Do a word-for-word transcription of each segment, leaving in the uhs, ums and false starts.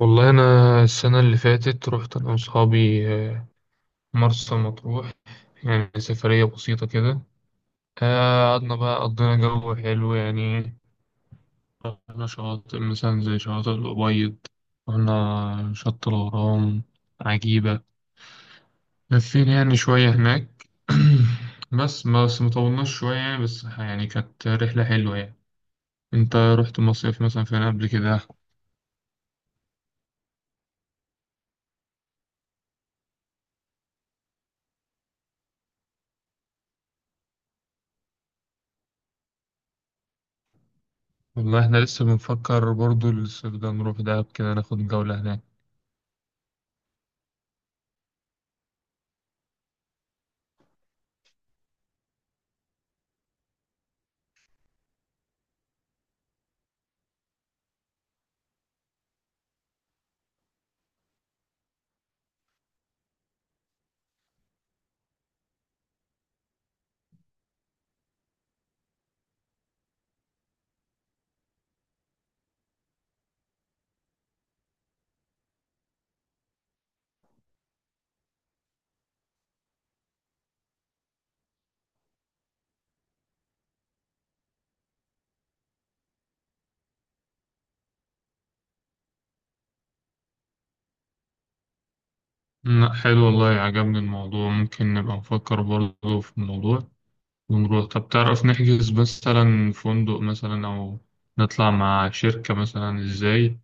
والله أنا السنة اللي فاتت رحت أنا وأصحابي آه، مرسى مطروح. يعني سفرية بسيطة كده. آه، قعدنا بقى قضينا جو حلو يعني. رحنا شواطئ مثلا زي شواطئ الأبيض. رحنا شط الغرام عجيبة. لفينا يعني شوية هناك. بس بس مطولناش شوية يعني، بس يعني كانت رحلة حلوة يعني. أنت رحت مصيف مثلا فين قبل كده؟ والله احنا لسه بنفكر برضو الصيف ده نروح دهب كده ناخد جولة هناك. لا، حلو والله، عجبني الموضوع، ممكن نبقى نفكر برضه في الموضوع ونروح. طب تعرف نحجز مثلا فندق مثلا أو نطلع مع شركة مثلا إزاي؟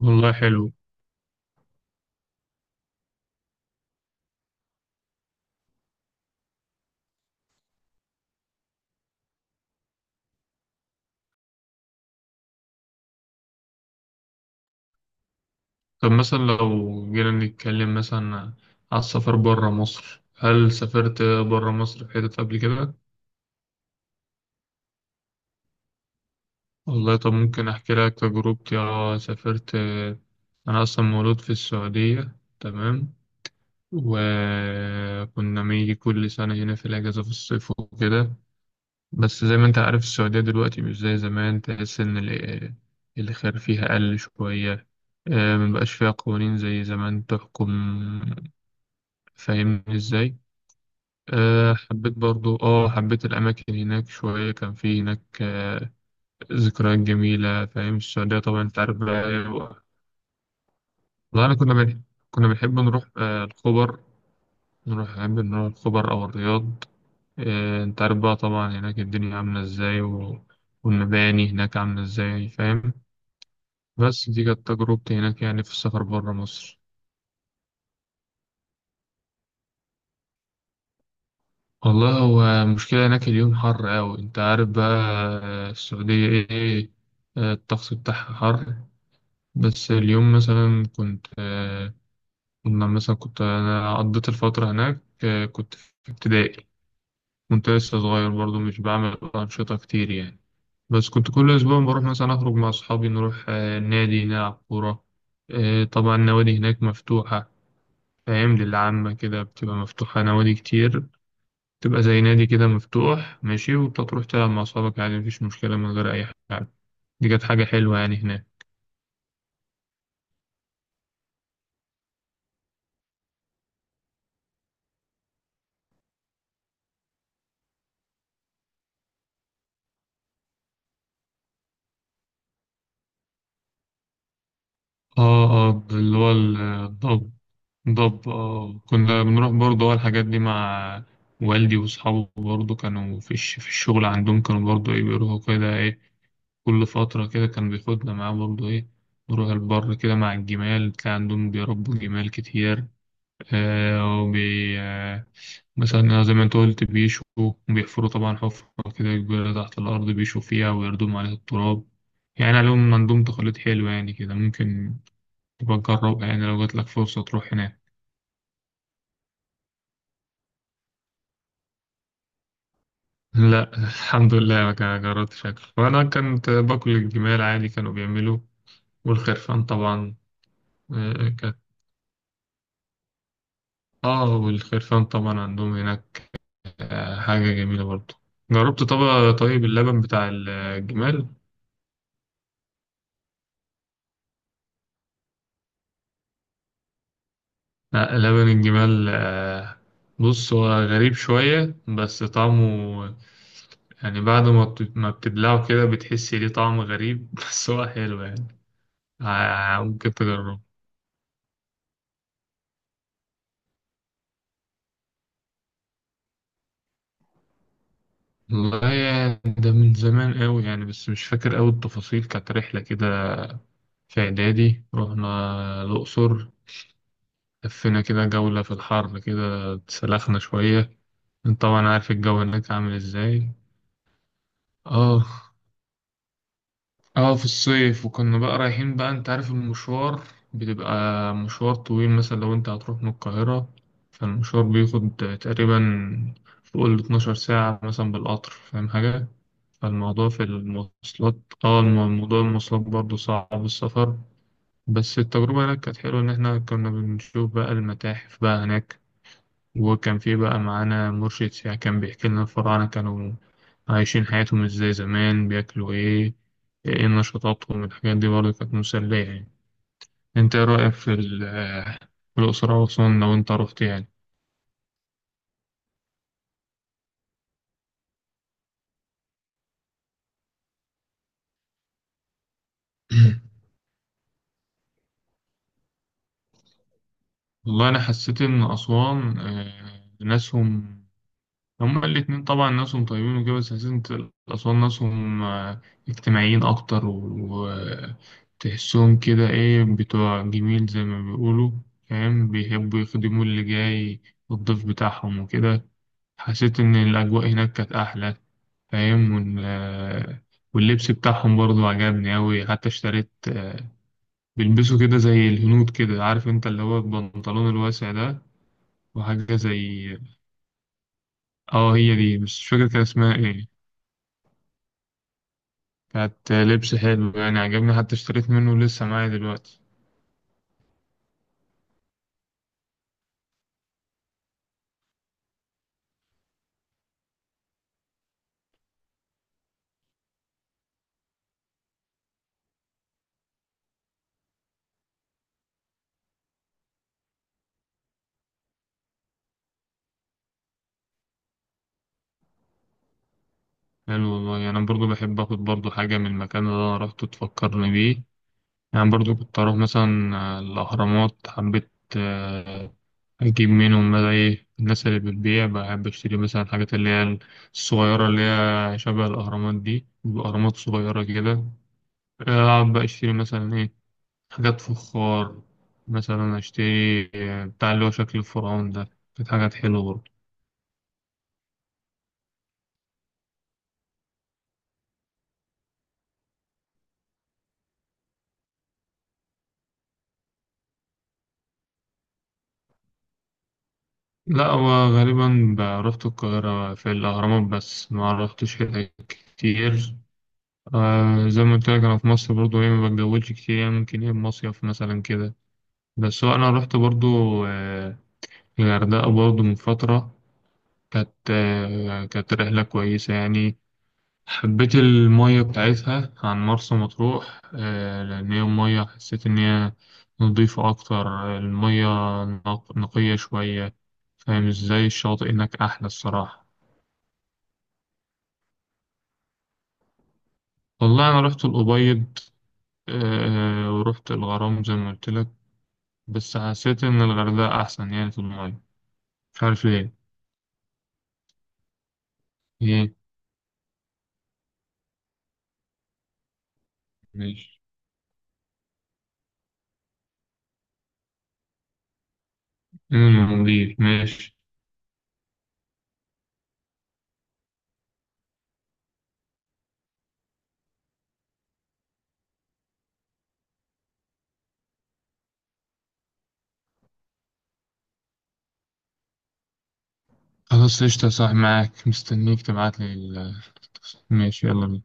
والله حلو. طب مثلا لو جينا نتكلم مثلا على السفر برا مصر، هل سافرت برا مصر في حتت قبل كده؟ والله طب ممكن أحكي لك تجربتي، اه سافرت. أنا أصلا مولود في السعودية، تمام. وكنا بنيجي كل سنة هنا في الأجازة في الصيف وكده. بس زي ما أنت عارف، السعودية دلوقتي مش زي زمان، تحس إن ال- الخير فيها قل شوية. آه، مبقاش فيها قوانين زي زمان تحكم. فاهمني ازاي؟ أه، حبيت برضو، اه حبيت الأماكن هناك شوية، كان في هناك آه، ذكريات جميلة. فاهم السعودية طبعا، انت عارف بقى. والله أنا كنا بنح... كنا بنحب نروح آه، الخبر. نروح نحب نروح الخبر أو الرياض. آه، أنت عارف بقى، طبعا هناك الدنيا عاملة إزاي و... والمباني هناك عاملة إزاي، فاهم. بس دي كانت تجربتي هناك يعني في السفر برا مصر. والله هو المشكلة هناك اليوم حر أوي، أنت عارف بقى. آه، السعودية إيه. آه، الطقس بتاعها حر. بس اليوم مثلا كنت آه، كنا مثلا كنت أنا قضيت الفترة هناك، آه، كنت في ابتدائي. كنت لسه صغير برضو، مش بعمل أنشطة كتير يعني. بس كنت كل أسبوع بروح مثلا، أخرج مع أصحابي نروح آه، النادي نلعب كورة. آه، طبعا النوادي هناك مفتوحة. فاهم، للعامة كده بتبقى مفتوحة نوادي كتير. بتبقى زي نادي كده مفتوح ماشي، وبتروح تلعب مع أصحابك عادي مفيش مشكلة من غير أي حاجة. دي كانت حاجة حلوة يعني هناك. اه، اه، اللي هو الضبط. ضب، اه، كنا بنروح برضه اه الحاجات دي مع والدي وأصحابه، برضه كانوا في الش... في الشغل عندهم كانوا برضه إيه بيروحوا كده إيه، كل فترة كده كان بياخدنا معاه برضه إيه، نروح البر كده مع الجمال تلاقي عندهم بيربوا جمال كتير. آه وبي آه مثلا زي ما أنت قلت، بيشوا وبيحفروا طبعا حفرة كده كبيرة تحت الأرض، بيشوا فيها ويردموا عليها التراب. يعني عليهم، عندهم تقاليد حلوة يعني كده، ممكن تبقى تجربها يعني لو جاتلك فرصة تروح هناك. لا، الحمد لله ما كان جربت شكل، وانا كنت باكل الجمال عادي كانوا بيعملوا. والخرفان طبعا. آه، آه، كانت اه والخرفان طبعا عندهم هناك، آه، حاجة جميلة برضو. جربت طبعا طيب اللبن بتاع الجمال. لا، لبن الجمال، آه، بص هو غريب شوية بس طعمه، يعني بعد ما بت- ما بتبلعه كده بتحس ليه طعم غريب. بس هو حلو يعني. آه، ممكن تجربه. والله يا- ده من زمان قوي يعني، بس مش فاكر قوي التفاصيل، كانت رحلة كده. في إعدادي رحنا الأقصر. لفينا كده جولة في الحر كده اتسلخنا شوية. انت طبعا عارف الجو هناك عامل ازاي. اه. اه، في الصيف، وكنا بقى رايحين بقى انت عارف المشوار. بتبقى مشوار طويل، مثلا لو انت هتروح من القاهرة، فالمشوار بياخد تقريبا فوق ال اتناشر ساعة مثلا بالقطر، فاهم حاجة؟ فالموضوع في المواصلات. اه الم- موضوع المواصلات برضه صعب السفر. بس التجربة هناك كانت حلوة، إن احنا كنا بنشوف بقى المتاحف بقى هناك، وكان في بقى معانا مرشد سياحي كان بيحكي لنا الفراعنة كانوا عايشين حياتهم ازاي زمان، بياكلوا ايه، ايه نشاطاتهم، الحاجات دي برضه كانت مسلية يعني. انت ايه رأيك في ال- في الأقصر وأسوان لو انت رحت يعني؟ والله أنا حسيت إن أسوان آه، ناسهم، هما الاتنين طبعا ناسهم طيبين وكده، بس سلسلة الأسوان ناسهم آه، اجتماعيين أكتر، وتحسهم كده إيه بتوع جميل زي ما بيقولوا. فاهم، بيحبوا يخدموا اللي جاي، الضيف بتاعهم وكده. حسيت إن الأجواء هناك كانت أحلى. فاهم. وإن- آه، واللبس بتاعهم برضو عجبني أوي، حتى اشتريت آه، بيلبسوا كده زي الهنود كده، عارف أنت اللي هو البنطلون الواسع ده. وحاجة زي، اه، هي دي بس مش فاكر كان اسمها ايه. كانت لبس حلو يعني، عجبني حتى اشتريت منه لسه معايا دلوقتي. حلو والله، يعني أنا برضو بحب آخد برضو حاجة من المكان اللي أنا روحته تفكرني بيه. يعني برضو كنت أروح مثلا آه، الأهرامات، حبيت آه، أجيب منهم بقى إيه، الناس اللي بتبيع بحب أشتري مثلا الحاجات اللي هي الصغيرة، اللي هي شبه الأهرامات دي، الأهرامات صغيرة كده. آه، أقعد بقى أشتري مثلا إيه، حاجات فخار، مثلا أشتري آه، بتاع اللي هو شكل الفرعون ده. كانت حاجات حلوة برضو. لا، هو غالبا ب- رحت القاهرة في الأهرامات بس ما رحتش هنا كتير. آه، زي ما قلت لك، أنا في مصر برضو إيه ما بتجولش كتير يعني، ممكن إيه مصيف مثلا كده. بس هو أنا رحت برضو آه الغردقة برضو من فترة. كانت آه كانت رحلة كويسة يعني. حبيت المية بتاعتها عن مرسى مطروح، آه لأن هي المية حسيت إن هي نضيفة أكتر. المية نق- نقية شوية، فاهم ازاي، الشاطئ هناك احلى الصراحة. والله أنا رحت الأبيض، آه، ورحت الغرام زي ما قلت لك. بس حسيت إن الغردقة أحسن يعني في المية، مش عارف ليه. إيه؟ ماشي. أمم، المالديف ماشي. خلاص قشطة، صح معاك، مستنيك تبعتلي ال- ماشي يلا بينا.